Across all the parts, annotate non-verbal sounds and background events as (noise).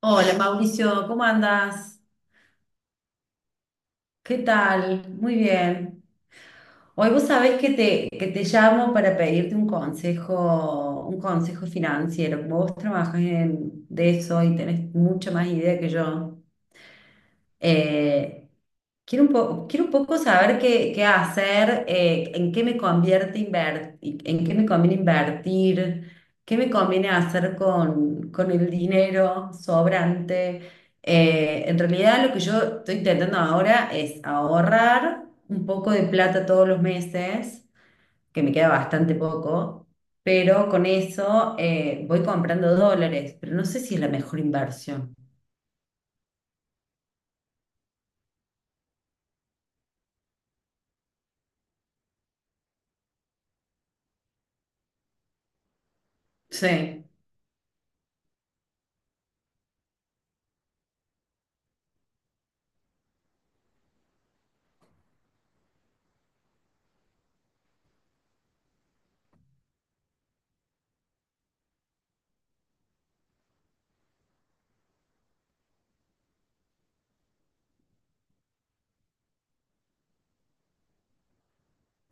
Hola Mauricio, ¿cómo andas? ¿Qué tal? Muy bien. Hoy vos sabés que te llamo para pedirte un consejo financiero. Como vos trabajas de eso y tenés mucha más idea que yo, eh, quiero un poco saber qué hacer, en qué me conviene invertir, qué me conviene hacer con el dinero sobrante. En realidad lo que yo estoy intentando ahora es ahorrar un poco de plata todos los meses, que me queda bastante poco, pero con eso voy comprando dólares, pero no sé si es la mejor inversión. Sí.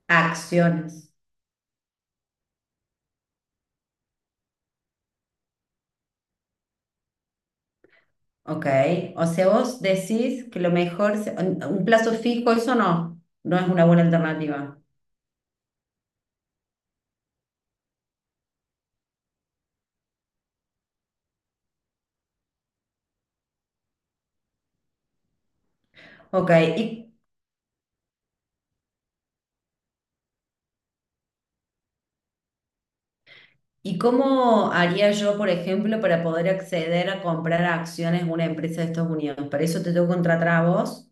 Acciones, ¿ok? O sea, vos decís que lo mejor, un plazo fijo, eso no, no es una buena alternativa. Ok, ¿y ¿y cómo haría yo, por ejemplo, para poder acceder a comprar acciones de una empresa de Estados Unidos? ¿Para eso te tengo que contratar a vos?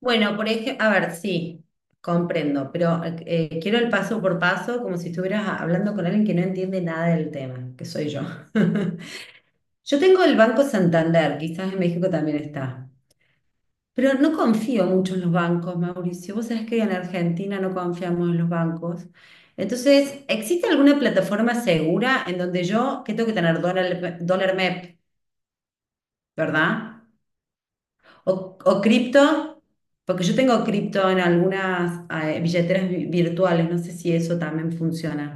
Bueno, por ejemplo, a ver, sí, comprendo, pero quiero el paso por paso, como si estuvieras hablando con alguien que no entiende nada del tema, que soy yo. (laughs) Yo tengo el Banco Santander, quizás en México también está. Pero no confío mucho en los bancos, Mauricio. Vos sabés que en Argentina no confiamos en los bancos. Entonces, ¿existe alguna plataforma segura en donde yo, que tengo que tener dólar MEP, ¿verdad? O, o cripto, porque yo tengo cripto en algunas billeteras virtuales, no sé si eso también funciona.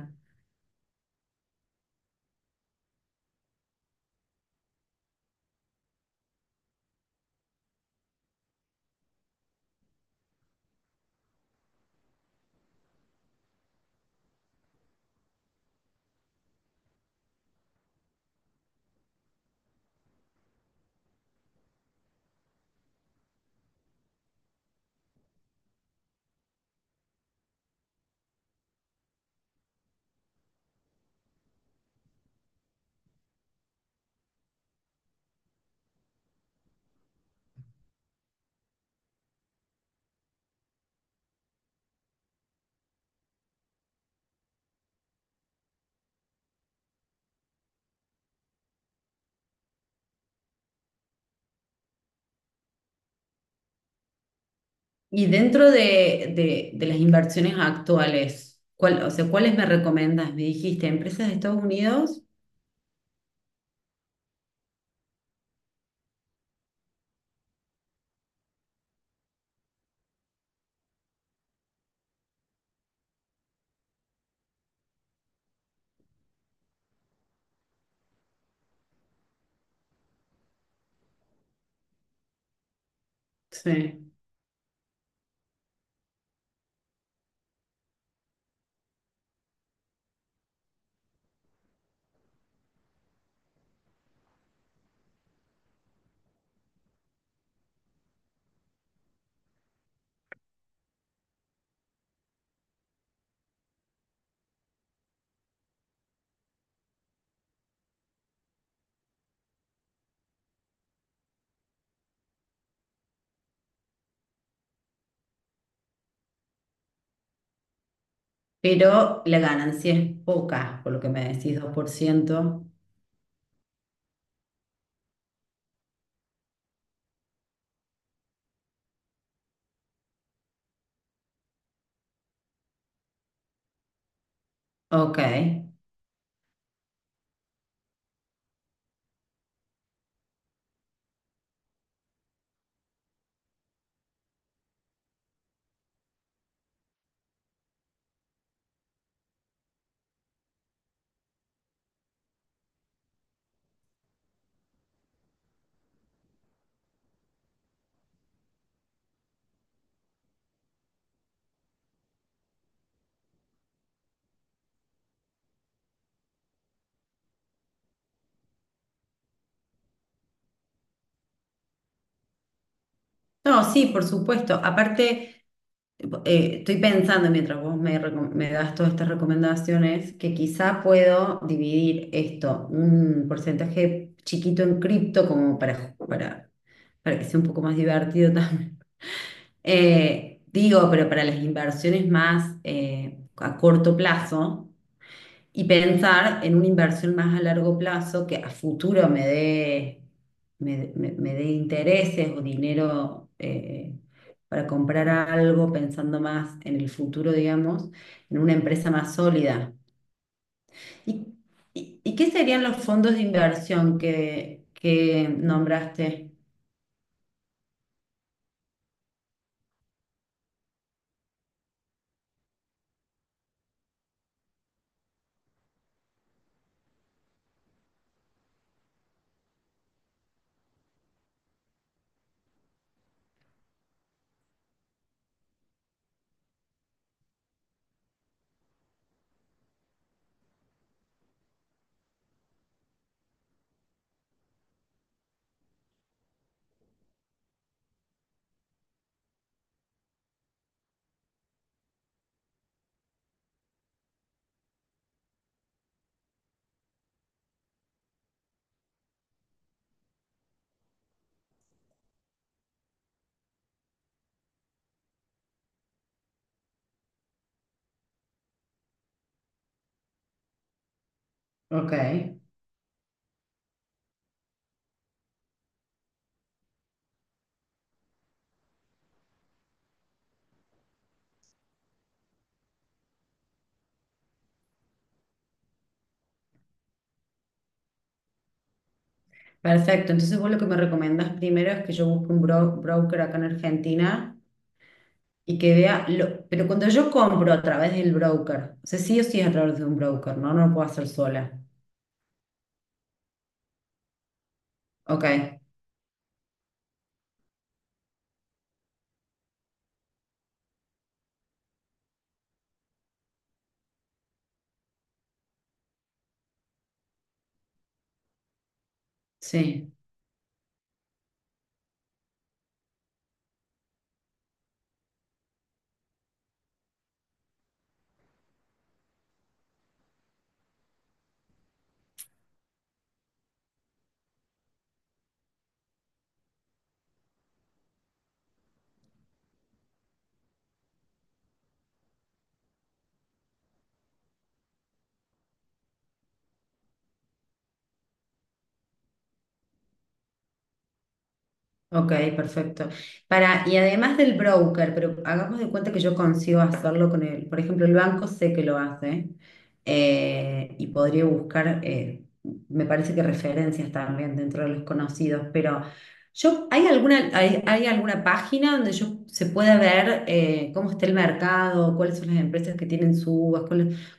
Y dentro de las inversiones actuales, o sea, ¿cuáles me recomendas? Me dijiste, ¿empresas de Estados Unidos? Sí. Pero la ganancia es poca, por lo que me decís, dos por ciento. Ok. No, sí, por supuesto. Aparte, estoy pensando mientras me das todas estas recomendaciones, que quizá puedo dividir esto, un porcentaje chiquito en cripto, como para que sea un poco más divertido (laughs) también. Digo, pero para las inversiones más a corto plazo. Y pensar en una inversión más a largo plazo que a futuro me dé, me dé intereses o dinero para comprar algo, pensando más en el futuro, digamos, en una empresa más sólida. ¿Y, y qué serían los fondos de inversión que nombraste? Ok. Perfecto, entonces vos lo que me recomendás primero es que yo busque un broker acá en Argentina y que vea, lo, pero cuando yo compro a través del broker, o sea, sí o sí es a través de un broker, ¿no? No lo puedo hacer sola. Ok, sí. Ok, perfecto. Para, y además del broker, pero hagamos de cuenta que yo consigo hacerlo con él. Por ejemplo, el banco sé que lo hace y podría buscar, me parece que referencias también dentro de los conocidos, pero yo, ¿hay alguna página donde yo se pueda ver cómo está el mercado, cuáles son las empresas que tienen subas,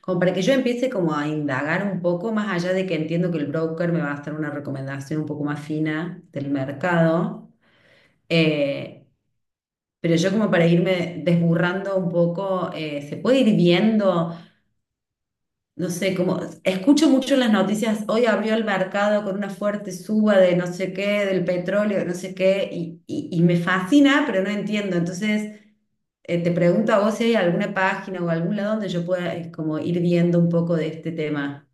como para que yo empiece como a indagar un poco, más allá de que entiendo que el broker me va a hacer una recomendación un poco más fina del mercado, eh, pero yo como para irme desburrando un poco, se puede ir viendo, no sé, como escucho mucho en las noticias, hoy abrió el mercado con una fuerte suba de no sé qué, del petróleo, no sé qué, y me fascina, pero no entiendo. Entonces, te pregunto a vos si hay alguna página o algún lado donde yo pueda, como ir viendo un poco de este tema.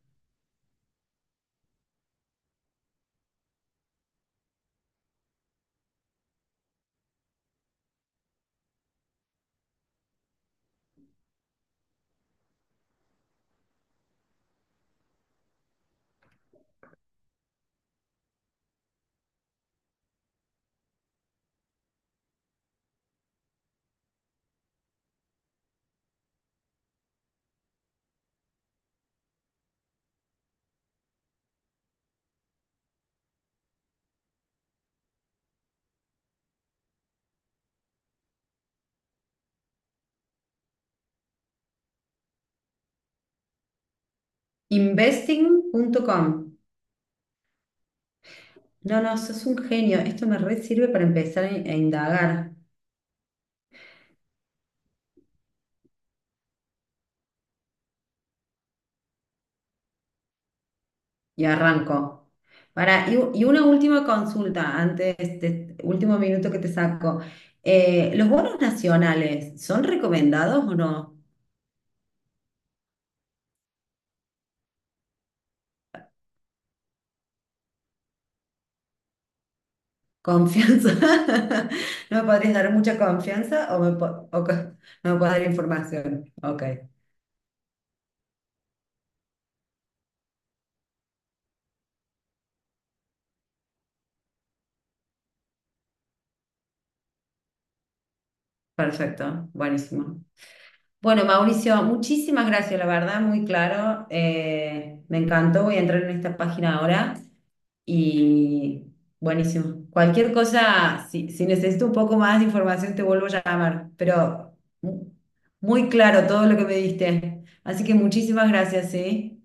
Investing.com. No, no, sos un genio. Esto me re sirve para empezar a indagar. Y arranco. Para, y una última consulta antes de este último minuto que te saco. ¿Los bonos nacionales son recomendados o no? ¿Confianza? (laughs) ¿No me podrías dar mucha confianza o, no me puedes dar información? Ok. Perfecto, buenísimo. Bueno, Mauricio, muchísimas gracias, la verdad, muy claro. Me encantó, voy a entrar en esta página ahora y buenísimo. Cualquier cosa, si necesito un poco más de información, te vuelvo a llamar, muy claro todo lo que me diste. Así que muchísimas gracias, ¿sí?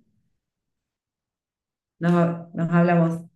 Nos hablamos.